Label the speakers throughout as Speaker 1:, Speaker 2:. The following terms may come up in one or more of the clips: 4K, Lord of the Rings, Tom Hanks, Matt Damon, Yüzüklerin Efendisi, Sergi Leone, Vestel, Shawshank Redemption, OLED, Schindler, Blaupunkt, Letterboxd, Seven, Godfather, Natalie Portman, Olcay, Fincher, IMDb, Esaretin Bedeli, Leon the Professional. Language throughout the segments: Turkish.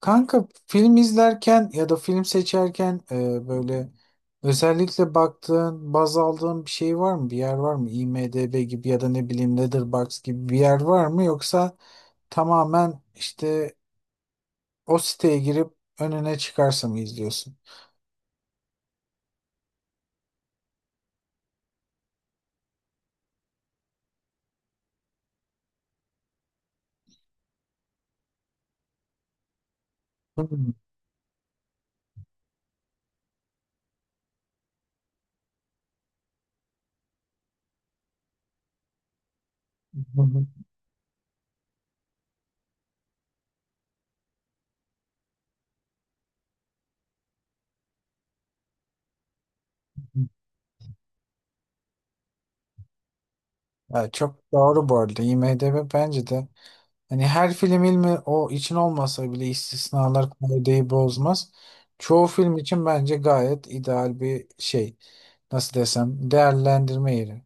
Speaker 1: Kanka film izlerken ya da film seçerken böyle özellikle baktığın, baz aldığın bir şey var mı? Bir yer var mı? IMDb gibi ya da ne bileyim Letterboxd gibi bir yer var mı? Yoksa tamamen işte o siteye girip önüne çıkarsa mı izliyorsun? Ya çok doğru bu arada. IMDb bence de hani her film ilmi o için olmasa bile istisnalar kaideyi bozmaz. Çoğu film için bence gayet ideal bir şey. Nasıl desem değerlendirme yeri.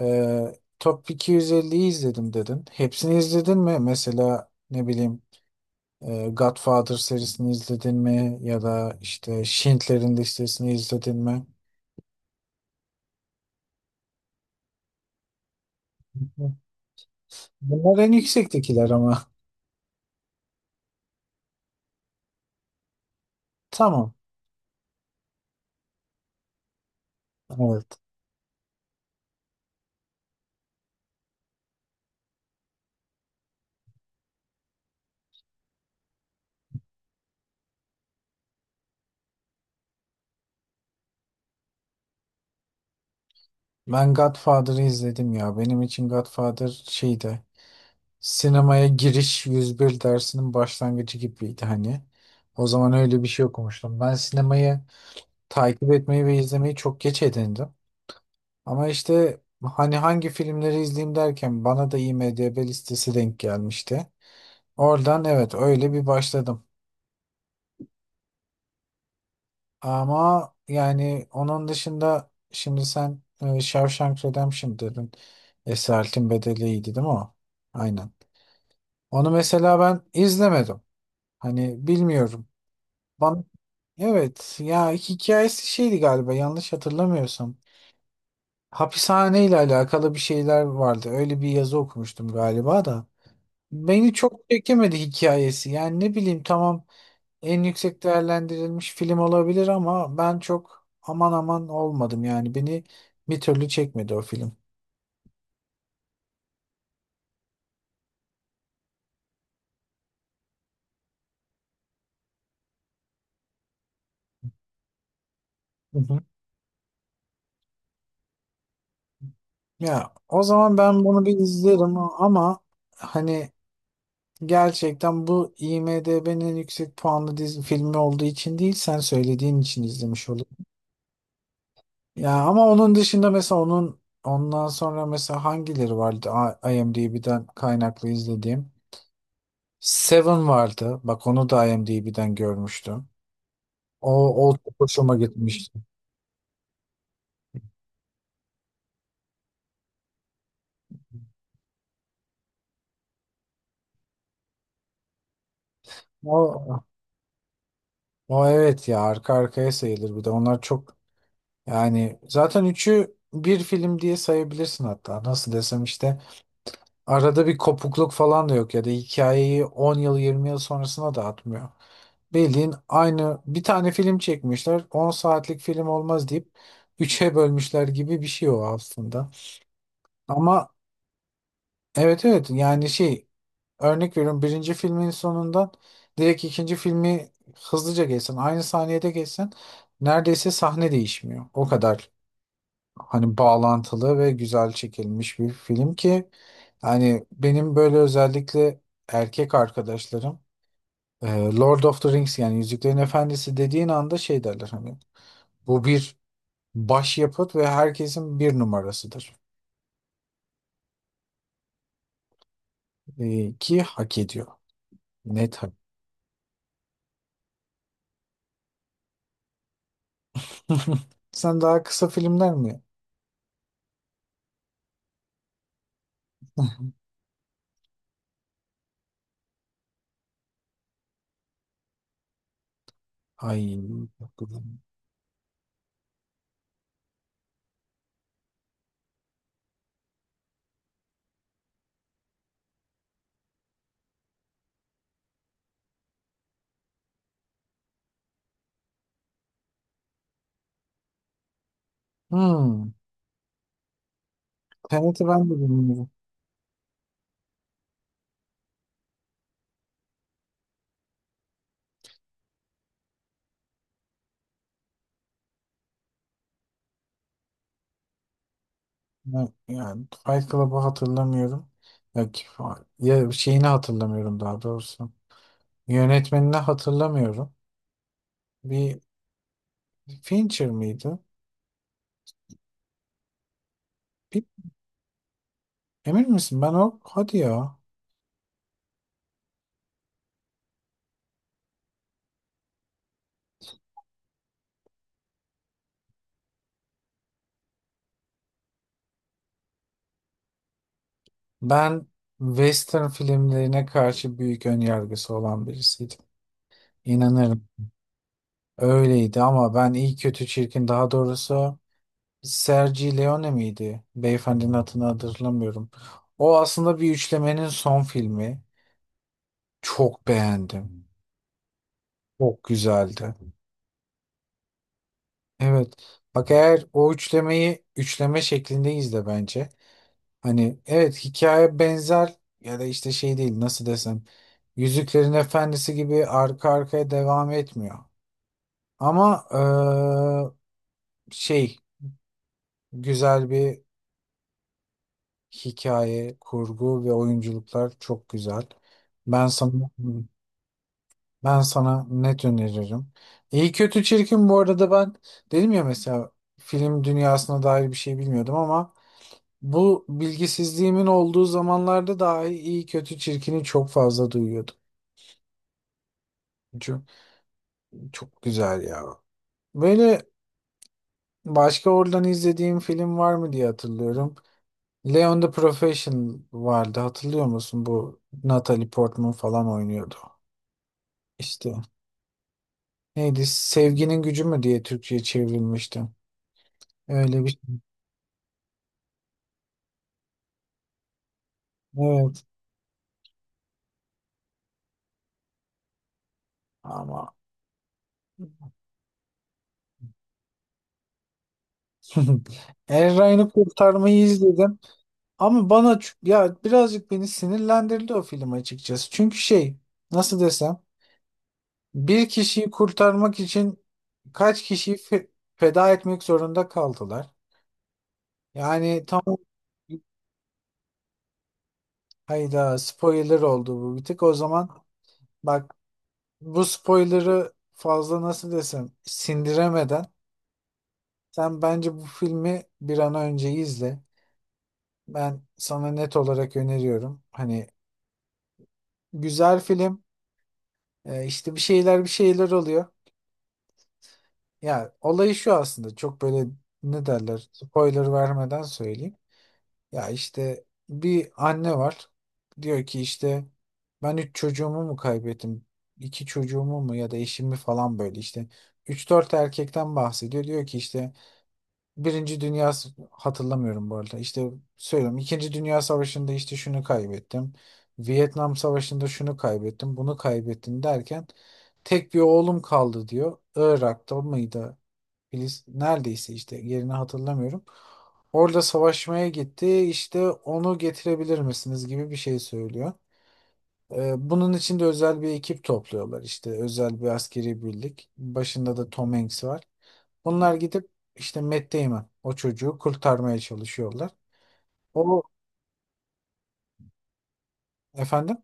Speaker 1: Top 250'yi izledim dedin. Hepsini izledin mi? Mesela ne bileyim Godfather serisini izledin mi? Ya da işte Schindler'in listesini izledin mi? Bunlar en yüksektekiler ama. Tamam. Evet. Ben Godfather'ı izledim ya. Benim için Godfather şeydi. Sinemaya giriş 101 dersinin başlangıcı gibiydi hani. O zaman öyle bir şey okumuştum. Ben sinemayı takip etmeyi ve izlemeyi çok geç edindim. Ama işte hani hangi filmleri izleyeyim derken bana da IMDb listesi denk gelmişti. Oradan evet öyle bir başladım. Ama yani onun dışında şimdi sen Shawshank Redemption dedin. Esaretin Bedeli iyiydi değil mi o? Aynen. Onu mesela ben izlemedim. Hani bilmiyorum. Bana, evet ya hikayesi şeydi galiba yanlış hatırlamıyorsam. Hapishane ile alakalı bir şeyler vardı. Öyle bir yazı okumuştum galiba da. Beni çok çekemedi hikayesi. Yani ne bileyim tamam en yüksek değerlendirilmiş film olabilir ama ben çok aman aman olmadım. Yani beni bir türlü çekmedi o film. Hı hı. Ya o zaman ben bunu bir izlerim ama hani gerçekten bu IMDb'nin en yüksek puanlı dizi filmi olduğu için değil sen söylediğin için izlemiş. Ya ama onun dışında mesela onun ondan sonra mesela hangileri vardı IMDb'den kaynaklı izlediğim? Seven vardı. Bak onu da IMDb'den görmüştüm. O, o çok hoşuma gitmişti. O, o evet ya arka arkaya sayılır bir de. Onlar çok yani zaten üçü bir film diye sayabilirsin hatta. Nasıl desem işte arada bir kopukluk falan da yok ya da hikayeyi 10 yıl 20 yıl sonrasına da atmıyor. Bildiğin aynı bir tane film çekmişler. On saatlik film olmaz deyip 3'e bölmüşler gibi bir şey o aslında. Ama evet evet yani şey örnek veriyorum birinci filmin sonundan direkt ikinci filmi hızlıca geçsen aynı saniyede geçsen neredeyse sahne değişmiyor. O kadar hani bağlantılı ve güzel çekilmiş bir film ki hani benim böyle özellikle erkek arkadaşlarım e, Lord of the Rings yani Yüzüklerin Efendisi dediğin anda şey derler hani bu bir başyapıt ve herkesin bir numarasıdır. Ki hak ediyor. Net hak. Sen daha kısa filmler mi? Ay. Bakalım. Hmm. Tenet'i ben de bilmiyorum. Ben- yani Fight Club'ı hatırlamıyorum. Ya, ki- ya şeyini hatırlamıyorum daha doğrusu. Yönetmenini hatırlamıyorum. Bir Fincher miydi? Bir, emin misin? Ben o hadi ya. Ben Western filmlerine karşı büyük önyargısı olan birisiydim. İnanırım. Öyleydi ama ben iyi kötü çirkin daha doğrusu Sergi Leone miydi? Beyefendinin adını hatırlamıyorum. O aslında bir üçlemenin son filmi. Çok beğendim. Çok güzeldi. Evet. Bak eğer o üçlemeyi üçleme şeklinde izle bence. Hani evet hikaye benzer ya da işte şey değil nasıl desem. Yüzüklerin Efendisi gibi arka arkaya devam etmiyor. Ama şey güzel bir hikaye, kurgu ve oyunculuklar çok güzel. Ben sana ben sana net öneririm. İyi kötü çirkin bu arada ben dedim ya mesela film dünyasına dair bir şey bilmiyordum ama bu bilgisizliğimin olduğu zamanlarda dahi iyi kötü çirkini çok fazla duyuyordum. Çok, çok güzel ya. Böyle başka oradan izlediğim film var mı diye hatırlıyorum. Leon the Professional vardı hatırlıyor musun? Bu Natalie Portman falan oynuyordu. İşte neydi? Sevginin gücü mü diye Türkçe'ye çevrilmişti. Öyle bir şey. Evet ama Eray'ını kurtarmayı izledim. Ama bana ç- ya birazcık beni sinirlendirdi o film açıkçası. Çünkü şey nasıl desem bir kişiyi kurtarmak için kaç kişiyi feda etmek zorunda kaldılar. Yani tam hayda spoiler oldu bu bir tık. O zaman bak bu spoiler'ı fazla nasıl desem sindiremeden sen bence bu filmi bir an önce izle. Ben sana net olarak öneriyorum. Hani güzel film, işte bir şeyler oluyor. Ya olayı şu aslında çok böyle ne derler spoiler vermeden söyleyeyim. Ya işte bir anne var. Diyor ki işte ben üç çocuğumu mu kaybettim? İki çocuğumu mu ya da eşimi falan böyle işte. Üç dört erkekten bahsediyor. Diyor ki işte Birinci Dünya S- hatırlamıyorum bu arada. İşte söylüyorum. İkinci Dünya Savaşı'nda işte şunu kaybettim. Vietnam Savaşı'nda şunu kaybettim, bunu kaybettim derken tek bir oğlum kaldı diyor. Irak'ta mıydı? Filiz neredeyse işte yerini hatırlamıyorum. Orada savaşmaya gitti. İşte onu getirebilir misiniz gibi bir şey söylüyor. Bunun için de özel bir ekip topluyorlar işte özel bir askeri birlik. Başında da Tom Hanks var. Bunlar gidip işte Matt Damon o çocuğu kurtarmaya çalışıyorlar. O efendim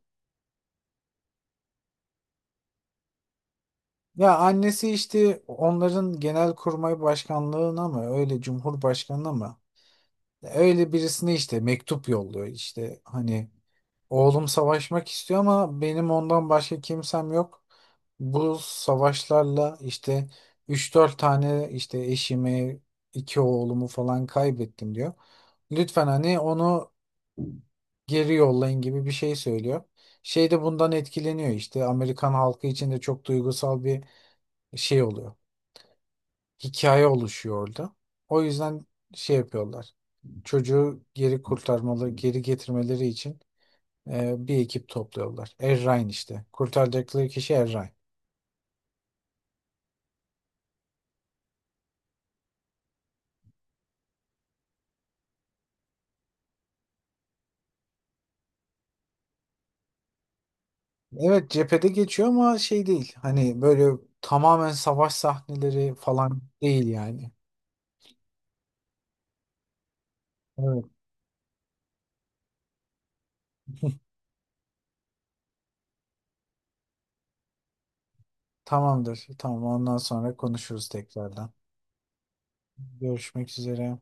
Speaker 1: ya annesi işte onların genelkurmay başkanlığına mı öyle cumhurbaşkanına mı öyle birisine işte mektup yolluyor işte hani oğlum savaşmak istiyor ama benim ondan başka kimsem yok. Bu savaşlarla işte üç dört tane işte eşimi, iki oğlumu falan kaybettim diyor. Lütfen hani onu geri yollayın gibi bir şey söylüyor. Şey de bundan etkileniyor işte Amerikan halkı için de çok duygusal bir şey oluyor. Hikaye oluşuyor orada. O yüzden şey yapıyorlar. Çocuğu geri kurtarmalı, geri getirmeleri için bir ekip topluyorlar. Errain işte. Kurtaracakları kişi Errain. Evet cephede geçiyor ama şey değil. Hani böyle tamamen savaş sahneleri falan değil yani. Evet. Tamamdır. Tamam ondan sonra konuşuruz tekrardan. Görüşmek üzere.